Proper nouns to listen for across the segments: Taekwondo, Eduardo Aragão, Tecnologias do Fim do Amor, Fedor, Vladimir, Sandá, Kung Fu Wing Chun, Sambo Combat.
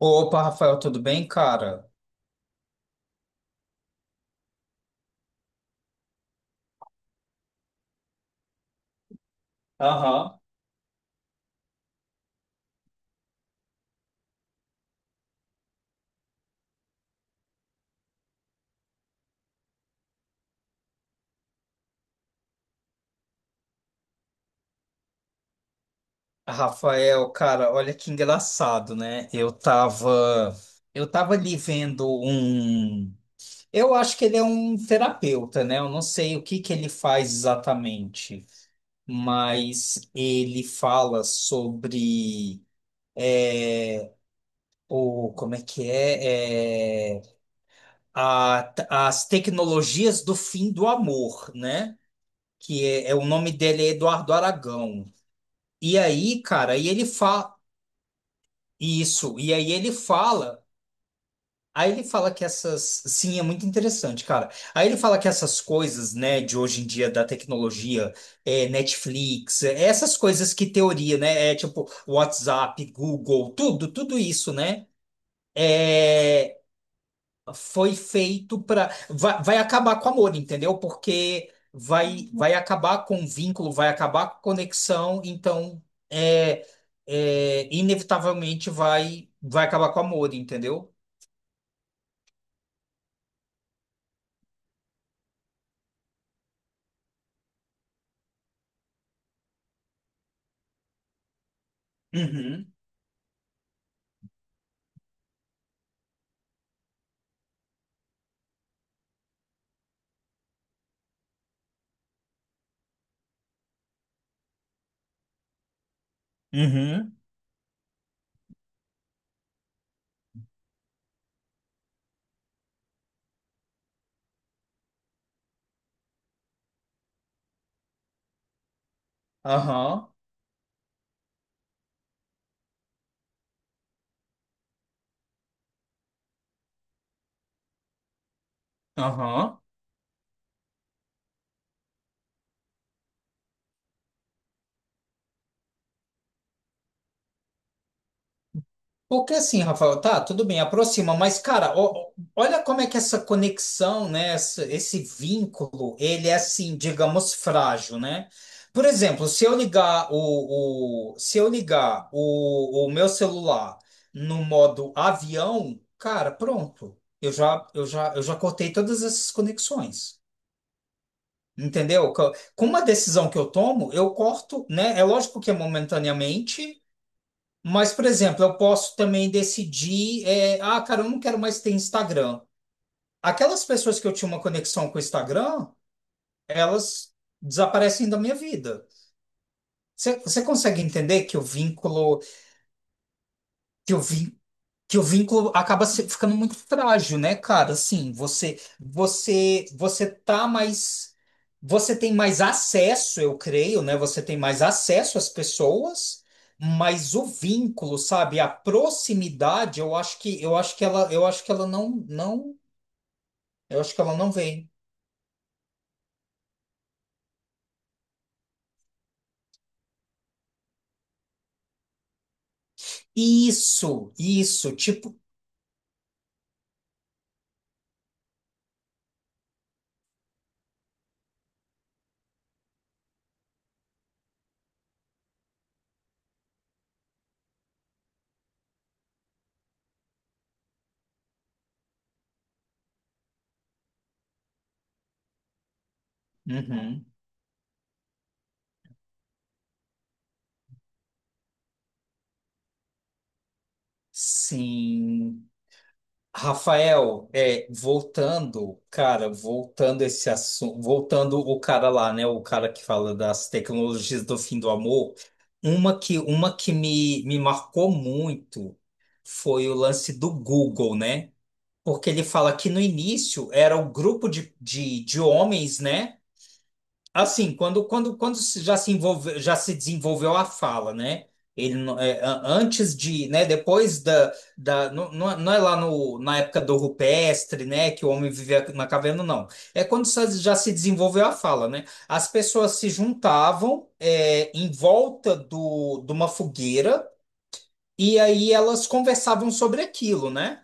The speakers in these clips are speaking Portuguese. Opa, Rafael, tudo bem, cara? Aham. Rafael, cara, olha que engraçado, né? Eu tava ali vendo um. Eu acho que ele é um terapeuta, né? Eu não sei o que que ele faz exatamente, mas ele fala sobre é, o, como é que é, É, a- as tecnologias do fim do amor, né? Que é, é o nome dele é Eduardo Aragão. E aí, cara, e ele fala isso, e aí ele fala que é muito interessante, cara. Aí ele fala que essas coisas, né, de hoje em dia da tecnologia, Netflix, essas coisas que teoria, né, é tipo WhatsApp, Google, tudo, tudo isso, né? é, foi feito para vai acabar com o amor, entendeu? Porque vai acabar com o vínculo, vai acabar com a conexão, então é, inevitavelmente vai acabar com o amor, entendeu? Uhum, uhum, aham, aham. Porque assim, Rafael, tá, tudo bem, aproxima, mas cara, olha como é que essa conexão, né, esse vínculo, ele é assim, digamos, frágil, né? Por exemplo, se eu ligar o- se eu ligar o meu celular no modo avião, cara, pronto, eu já cortei todas essas conexões. Entendeu? Com uma decisão que eu tomo, eu corto, né? É lógico que é momentaneamente, mas, por exemplo, eu posso também decidir, é, ah, cara, eu não quero mais ter Instagram. Aquelas pessoas que eu tinha uma conexão com o Instagram, elas desaparecem da minha vida. Você consegue entender que o vínculo, que o vínculo que o vínculo acaba ficando muito frágil, né, cara? Assim, você tá mais, você tem mais acesso, eu creio, né? Você tem mais acesso às pessoas, mas o vínculo, sabe, a proximidade, eu acho que ela não vem. Isso, tipo, uhum, sim. Rafael, é, voltando, cara, voltando esse assunto, voltando o cara lá, né, o cara que fala das tecnologias do fim do amor, uma que me marcou muito foi o lance do Google, né? Porque ele fala que no início era um grupo de homens, né? Assim, quando já se envolve, já se desenvolveu a fala, né? Ele não- é, a- antes de, né? Depois da, não é lá no, na época do rupestre, né? Que o homem vivia na caverna, não. É quando só já se desenvolveu a fala, né? As pessoas se juntavam é, em volta do, de uma fogueira e aí elas conversavam sobre aquilo, né?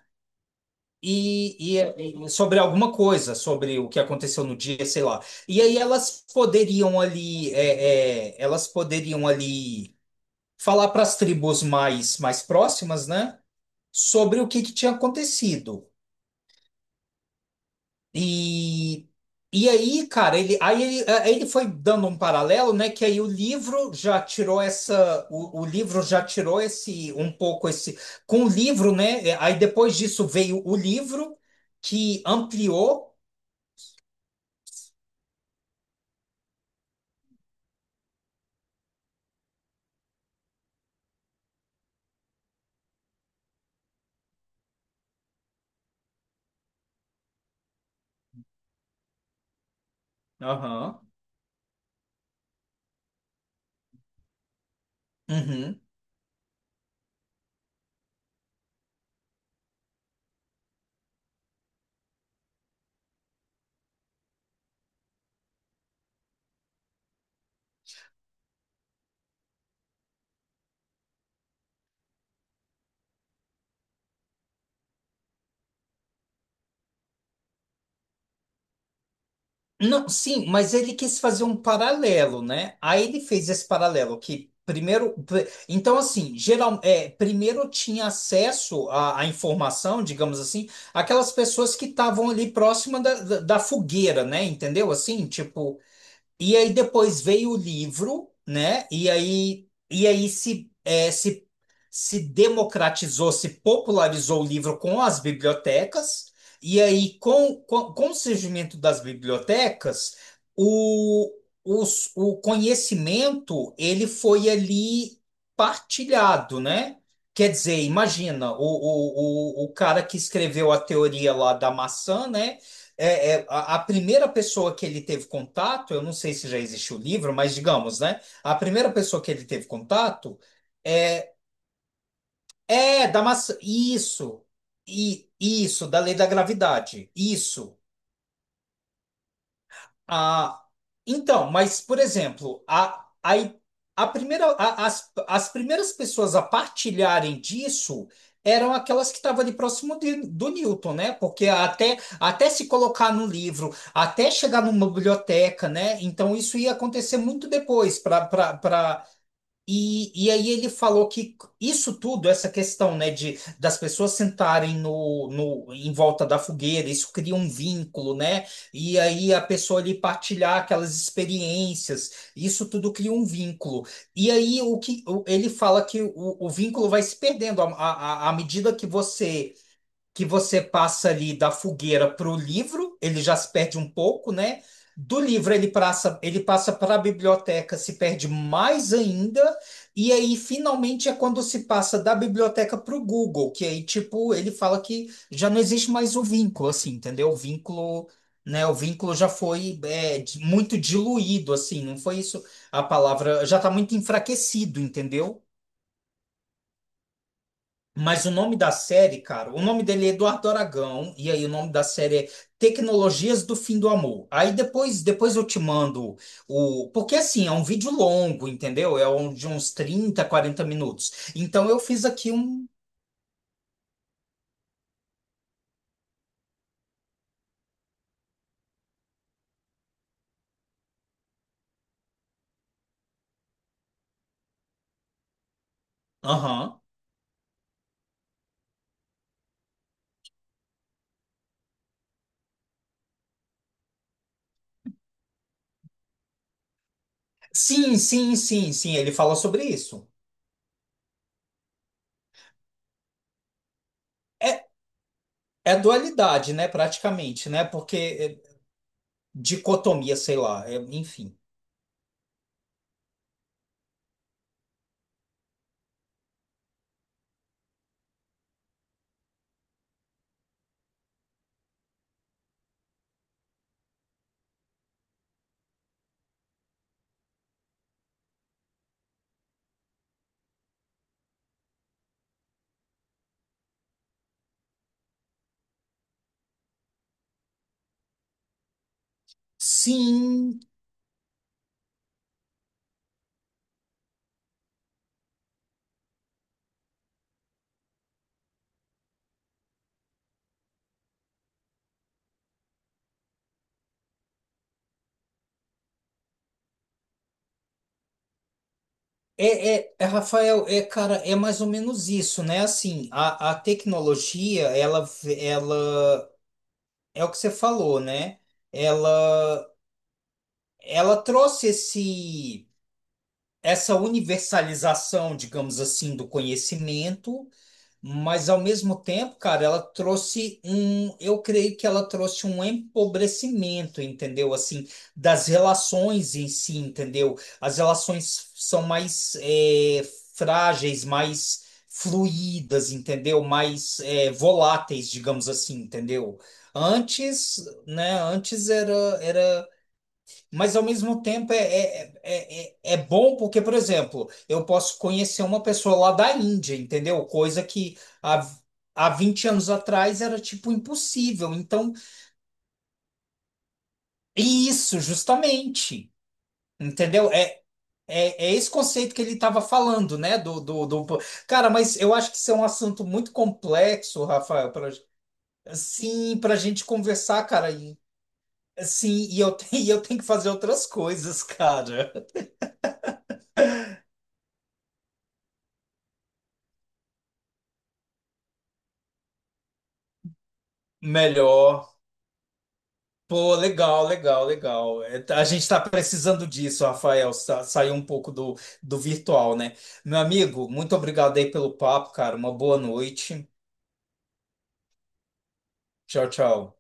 E, e- é, e sobre alguma coisa, sobre o que aconteceu no dia, sei lá. E aí elas poderiam ali, elas poderiam ali falar para as tribos mais próximas, né? Sobre o que, que tinha acontecido. E, e aí, cara, aí ele foi dando um paralelo, né? Que aí o livro já tirou essa, o livro já tirou esse, um pouco esse, com o livro, né? Aí depois disso veio o livro que ampliou. Aham. Uhum. Não, sim, mas ele quis fazer um paralelo, né? Aí ele fez esse paralelo que primeiro, então assim, geral, é, primeiro tinha acesso à informação, digamos assim, aquelas pessoas que estavam ali próxima da, da fogueira, né? Entendeu? Assim, tipo. E aí depois veio o livro, né? E aí se, é, se democratizou, se popularizou o livro com as bibliotecas, e aí com o surgimento das bibliotecas, o, o conhecimento ele foi ali partilhado, né? Quer dizer, imagina, o cara que escreveu a teoria lá da maçã, né? A primeira pessoa que ele teve contato, eu não sei se já existe o livro, mas digamos, né? A primeira pessoa que ele teve contato é, é da massa, isso, e isso, da lei da gravidade, isso. Ah, então, mas, por exemplo, a primeira, a- as primeiras pessoas a partilharem disso eram aquelas que estavam ali próximo do Newton, né? Porque até, até se colocar no livro, até chegar numa biblioteca, né? Então, isso ia acontecer muito depois para. E, e aí ele falou que isso tudo, essa questão, né, de das pessoas sentarem no em volta da fogueira, isso cria um vínculo, né? E aí a pessoa ali partilhar aquelas experiências, isso tudo cria um vínculo. E aí o que ele fala que o vínculo vai se perdendo à medida que você passa ali da fogueira para o livro, ele já se perde um pouco, né? Do livro ele passa para a biblioteca, se perde mais ainda, e aí finalmente é quando se passa da biblioteca para o Google, que aí tipo ele fala que já não existe mais o vínculo, assim, entendeu? O vínculo, né? O vínculo já foi muito diluído, assim, não foi isso a palavra, já está muito enfraquecido, entendeu? Mas o nome da série, cara, o nome dele é Eduardo Aragão, e aí o nome da série é Tecnologias do Fim do Amor. Aí depois eu te mando o. Porque assim, é um vídeo longo, entendeu? É um, de uns 30, 40 minutos. Então eu fiz aqui um. Aham. Sim, sim, sim, sim, ele fala sobre isso. É, é dualidade, né? Praticamente, né? Porque é, dicotomia, sei lá, é, enfim. Sim. Rafael, é, cara, é mais ou menos isso, né? Assim, a tecnologia, ela, é o que você falou, né? Ela, ela trouxe esse, essa universalização, digamos assim, do conhecimento. Mas ao mesmo tempo, cara, ela trouxe um, eu creio que ela trouxe um empobrecimento, entendeu? Assim, das relações em si, entendeu? As relações são mais é, frágeis, mais fluídas, entendeu? Mais é, voláteis, digamos assim, entendeu? Antes, né? Antes era mas ao mesmo tempo é bom porque, por exemplo, eu posso conhecer uma pessoa lá da Índia, entendeu? Coisa que há, há 20 anos atrás era tipo impossível. Então, isso, justamente, entendeu? É esse conceito que ele estava falando, né? Do... Cara, mas eu acho que isso é um assunto muito complexo, Rafael, para assim, para gente conversar, cara. E, assim, e eu tenho que fazer outras coisas, cara. Melhor. Pô, legal, legal, legal. É, a gente está precisando disso, Rafael, sair um pouco do, do virtual, né? Meu amigo, muito obrigado aí pelo papo, cara. Uma boa noite. Tchau, tchau.